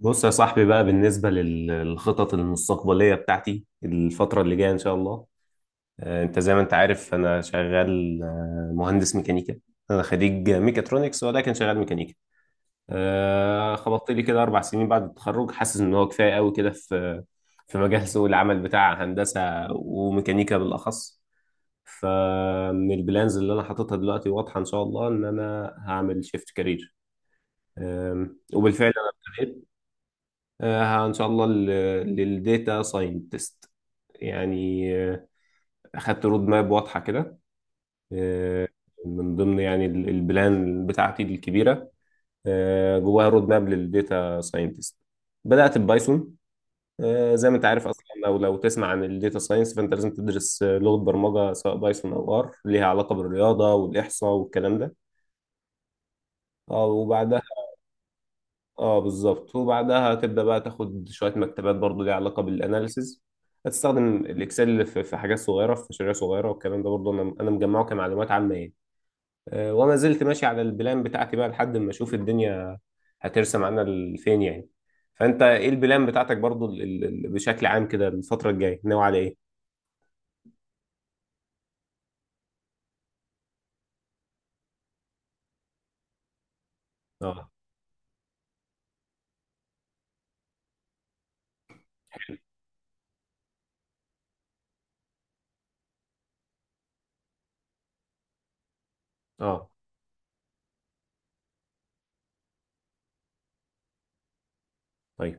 بص يا صاحبي بقى، بالنسبة للخطط المستقبلية بتاعتي الفترة اللي جاية إن شاء الله. أنت زي ما أنت عارف أنا شغال، مهندس ميكانيكا. أنا خريج ميكاترونكس ولكن شغال ميكانيكا. خبطت لي كده 4 سنين بعد التخرج، حاسس إن هو كفاية قوي كده في مجال سوق العمل بتاع هندسة وميكانيكا بالأخص. فمن البلانز اللي أنا حاططها دلوقتي واضحة إن شاء الله إن أنا هعمل شيفت كارير، وبالفعل. ان شاء الله للديتا ساينتست، يعني. اخدت رود ماب واضحه كده. آه، من ضمن يعني البلان بتاعتي الكبيره، جواها رود ماب للديتا ساينتست. بدات ببايثون. زي ما انت عارف اصلا، لو تسمع عن الديتا ساينس فانت لازم تدرس، لغه برمجه سواء بايثون او ار، ليها علاقه بالرياضه والاحصاء والكلام ده. وبعدها. اه بالظبط، وبعدها هتبدا بقى تاخد شويه مكتبات برضو ليها علاقه بالاناليسز. هتستخدم الاكسل في حاجات صغيره، في مشاريع صغيره والكلام ده، برضو انا مجمعه كمعلومات عامه يعني. وما زلت ماشي على البلان بتاعتي بقى لحد ما اشوف الدنيا هترسم عنا لفين يعني. فانت ايه البلان بتاعتك برضو بشكل عام، كده الفتره الجايه ناوي على ايه؟ اه. اه. طيب.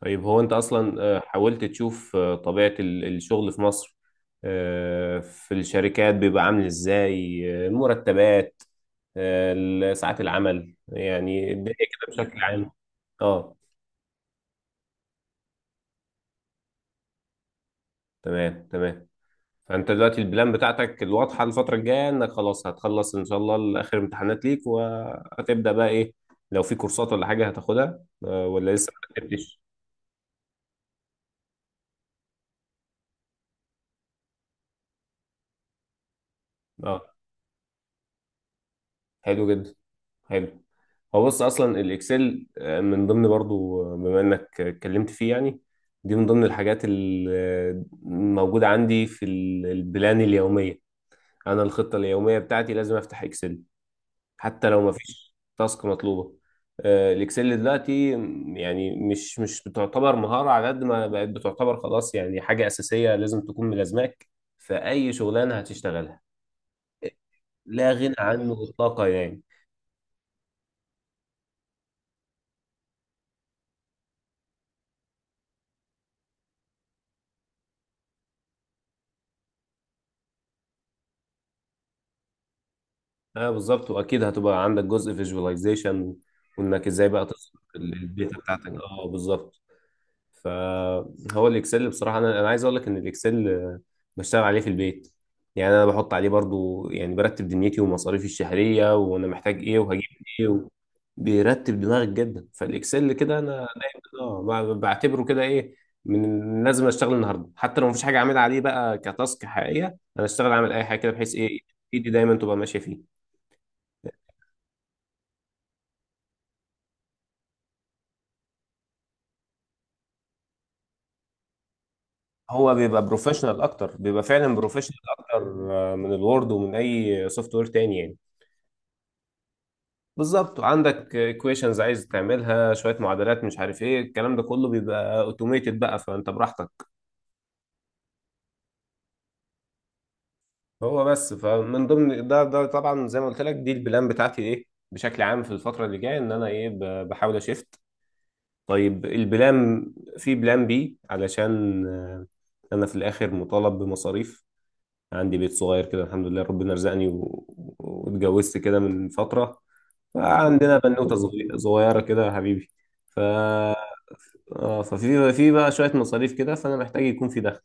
طيب. هو انت اصلا، حاولت تشوف طبيعة الشغل في مصر؟ في الشركات بيبقى عامل ازاي؟ المرتبات، ساعات العمل، يعني الدنيا كده بشكل عام. اه. تمام، تمام. فانت دلوقتي البلان بتاعتك الواضحة الفترة الجاية، انك خلاص هتخلص ان شاء الله اخر امتحانات ليك، وهتبدأ بقى ايه؟ لو في كورسات ولا حاجة هتاخدها، ولا لسه ما رتبتش؟ اه. حلو جدا. حلو. هو بص، اصلا الاكسل، من ضمن برضو، بما انك اتكلمت فيه يعني، دي من ضمن الحاجات الموجودة عندي في البلان اليومية. انا الخطة اليومية بتاعتي لازم افتح اكسل، حتى لو ما فيش تاسك مطلوبة. الاكسل دلوقتي يعني مش بتعتبر مهارة، على قد ما بقت بتعتبر خلاص يعني حاجة أساسية لازم تكون ملازماك في أي شغلانة هتشتغلها. لا غنى عنه إطلاقا يعني. اه بالظبط، واكيد هتبقى عندك جزء فيجواليزيشن، وانك ازاي بقى تصل الداتا بتاعتك. اه بالظبط. فهو الاكسل بصراحه، انا عايز اقول لك ان الاكسل، بشتغل عليه في البيت. يعني انا بحط عليه برضو، يعني برتب دنيتي ومصاريفي الشهريه، وانا محتاج ايه وهجيب ايه بيرتب دماغك جدا. فالاكسل كده انا دايما اه، بعتبره كده ايه، من لازم اشتغل النهارده، حتى لو مفيش حاجه اعملها عليه بقى كتاسك حقيقيه، انا اشتغل اعمل اي حاجه كده، بحيث ايه ايدي دايما تبقى ماشيه فيه. هو بيبقى بروفيشنال اكتر، بيبقى فعلا بروفيشنال اكتر، من الوورد ومن اي سوفت وير تاني يعني. بالظبط، عندك ايكويشنز عايز تعملها، شويه معادلات مش عارف ايه، الكلام ده كله بيبقى اوتوميتد، بقى فانت براحتك. هو بس، فمن ضمن ده طبعا زي ما قلت لك، دي البلان بتاعتي ايه بشكل عام في الفتره اللي جايه، ان انا ايه بحاول اشفت. طيب البلان، في بلان بي علشان، انا في الاخر مطالب بمصاريف. عندي بيت صغير كده الحمد لله، ربنا رزقني واتجوزت كده من فترة، فعندنا بنوتة صغيرة كده يا حبيبي. ف، اه، ففي في بقى شوية مصاريف كده، فأنا محتاج يكون في دخل.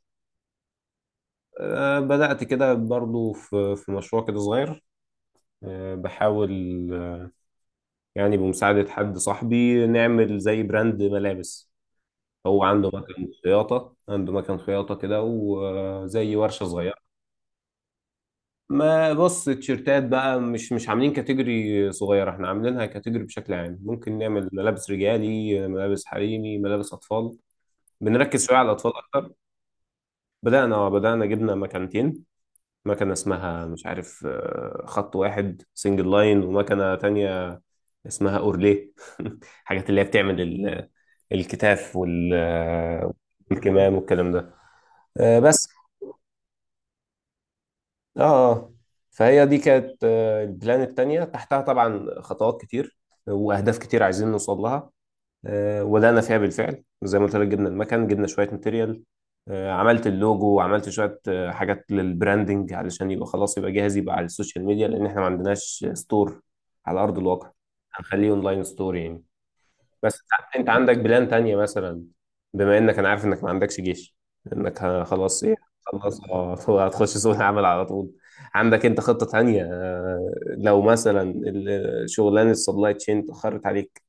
بدأت كده برضو في في مشروع كده صغير، بحاول، آه، يعني بمساعدة حد صاحبي نعمل زي براند ملابس. هو عنده مكان خياطة كده، وزي ورشة صغيرة. ما بص، التيشيرتات بقى مش عاملين كاتيجوري صغيرة، احنا عاملينها كاتيجوري بشكل عام، ممكن نعمل ملابس رجالي، ملابس حريمي، ملابس أطفال، بنركز شوية على الأطفال أكتر. بدأنا، بدأنا جبنا مكانتين، مكنة اسمها مش عارف، خط واحد سنجل لاين، ومكنة تانية اسمها أورليه. حاجات اللي هي بتعمل الكتاف والكمام والكلام ده، بس اه آه. فهي دي كانت، البلان التانية، تحتها طبعا خطوات كتير واهداف كتير عايزين نوصل لها. وبدأنا فيها بالفعل زي ما قلت لك، جبنا المكان، جبنا شوية ماتيريال، عملت اللوجو، وعملت شوية حاجات للبراندنج، علشان يبقى خلاص يبقى جاهز، يبقى على السوشيال ميديا، لأن احنا ما عندناش ستور على أرض الواقع، هنخليه اونلاين ستور يعني. بس ساعات انت عندك بلان تانية مثلا، بما انك، انا عارف انك ما عندكش جيش، انك خلاص ايه، خلاص اه هتخش سوق العمل على طول. عندك انت خطة تانية، لو مثلا شغلانة السبلاي تشين اتأخرت عليك؟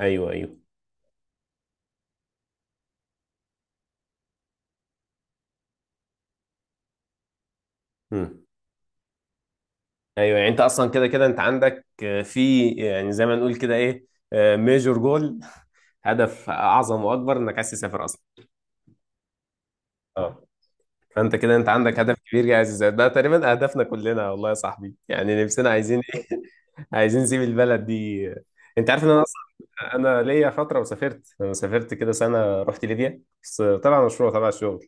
ايوه، ايوه. مم. ايوه. يعني انت اصلا كده كده انت عندك، في يعني زي ما نقول كده ايه، ميجور جول هدف اعظم واكبر، انك عايز تسافر اصلا. اه. فانت كده انت عندك هدف كبير عايز تسافر. ده تقريبا اهدافنا كلنا والله يا صاحبي، يعني نفسنا عايزين إيه؟ عايزين نسيب البلد دي. انت عارف ان انا اصلا، انا ليا فتره وسافرت، انا سافرت كده سنه، رحت ليبيا، بس طبعا مشروع تبع الشغل.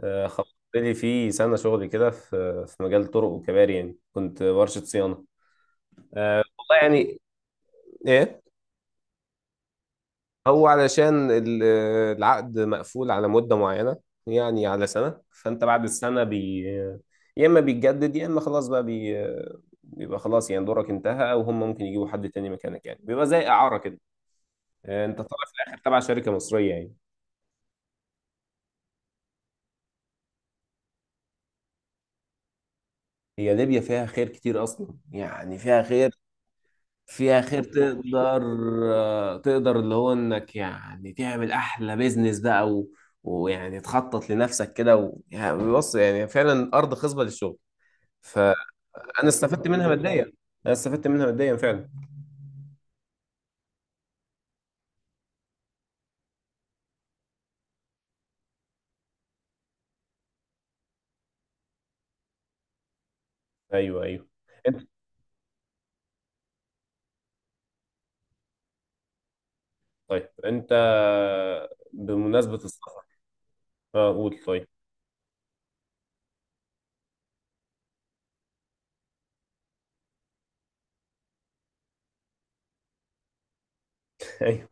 خلصت لي في سنه شغل كده في مجال طرق وكباري، يعني كنت ورشه صيانه. والله يعني. ايه. هو علشان العقد مقفول على مده معينه، يعني على سنه، فانت بعد السنه يا اما بيتجدد يا اما خلاص بقى بيبقى خلاص، يعني دورك انتهى وهم ممكن يجيبوا حد تاني مكانك، يعني بيبقى زي اعاره كده. انت طالع في الاخر تبع شركه مصريه يعني. هي ليبيا فيها خير كتير اصلا، يعني فيها خير، فيها خير تقدر، تقدر اللي هو انك يعني تعمل احلى بيزنس بقى ويعني تخطط لنفسك كده يعني بص، يعني فعلا ارض خصبه للشغل. فانا استفدت منها ماديا، انا استفدت منها ماديا فعلا. ايوه، ايوه. انت، طيب انت بمناسبه السفر. اه، قول طيب. ايوه.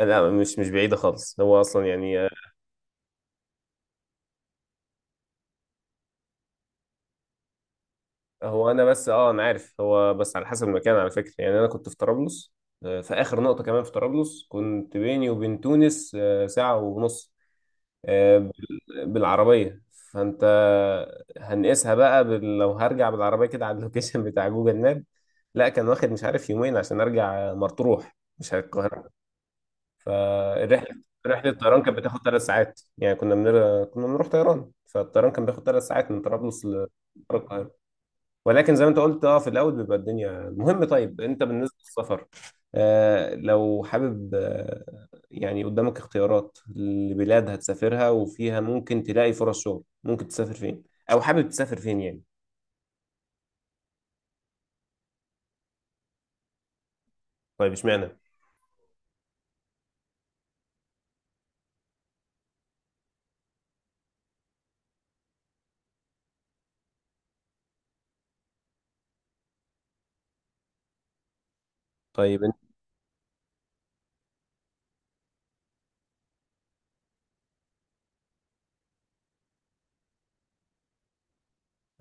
لا، مش بعيده خالص، هو اصلا يعني. هو انا بس اه، انا عارف، هو بس على حسب المكان على فكره، يعني انا كنت في طرابلس، في اخر نقطه كمان في طرابلس، كنت بيني وبين تونس، ساعه ونص، بالعربيه. فانت، هنقيسها بقى لو هرجع بالعربيه كده على اللوكيشن بتاع جوجل ماب. لا كان واخد مش عارف يومين عشان ارجع مطروح، مش على القاهره. فالرحله، رحله الطيران كانت بتاخد 3 ساعات، يعني كنا بنروح طيران، فالطيران كان بياخد 3 ساعات من طرابلس ل. ولكن زي ما انت قلت، اه في الاول بيبقى الدنيا مهم. طيب انت بالنسبه للسفر، آه لو حابب، آه يعني قدامك اختيارات لبلاد هتسافرها وفيها ممكن تلاقي فرص شغل، ممكن تسافر فين؟ او حابب تسافر فين يعني؟ طيب اشمعنى؟ طيب انت،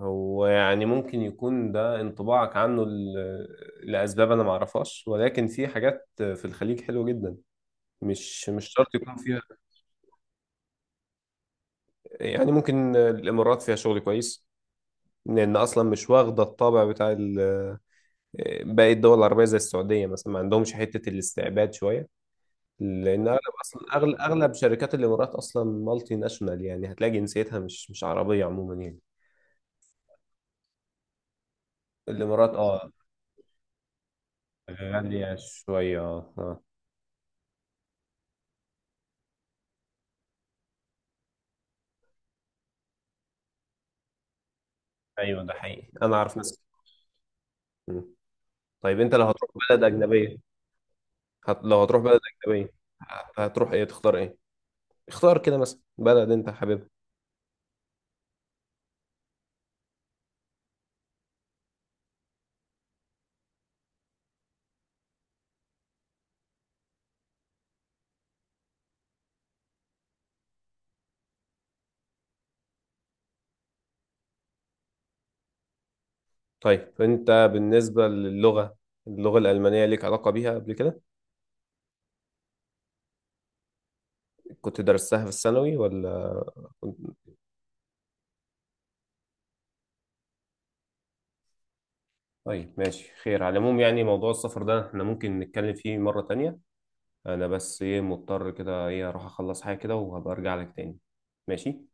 هو يعني ممكن يكون ده انطباعك عنه لاسباب انا ما اعرفهاش، ولكن في حاجات في الخليج حلوه جدا، مش شرط يكون فيها. يعني ممكن الامارات فيها شغل كويس، لان اصلا مش واخده الطابع بتاع ال، باقي الدول العربية زي السعودية مثلا ما عندهمش حتة الاستعباد شوية، لأن أغلب أصلا، أغلب شركات الإمارات أصلا مالتي ناشونال، يعني هتلاقي جنسيتها مش عربية عموما يعني. الإمارات أه. غالية شوية، أه آه. أيوه ده حقيقي، أنا أعرف ناس. مم. طيب أنت لو هتروح بلد أجنبية، لو هتروح بلد أجنبية، هتروح إيه، تختار إيه؟ اختار كده مثلا بلد أنت حاببها. طيب أنت بالنسبة للغة، اللغة الألمانية ليك علاقة بيها قبل كده؟ كنت درستها في الثانوي ولا؟ طيب ماشي، خير على العموم، يعني موضوع السفر ده احنا ممكن نتكلم فيه مرة تانية، انا بس ايه مضطر كده ايه، اروح اخلص حاجة كده وهبقى ارجع لك تاني. ماشي.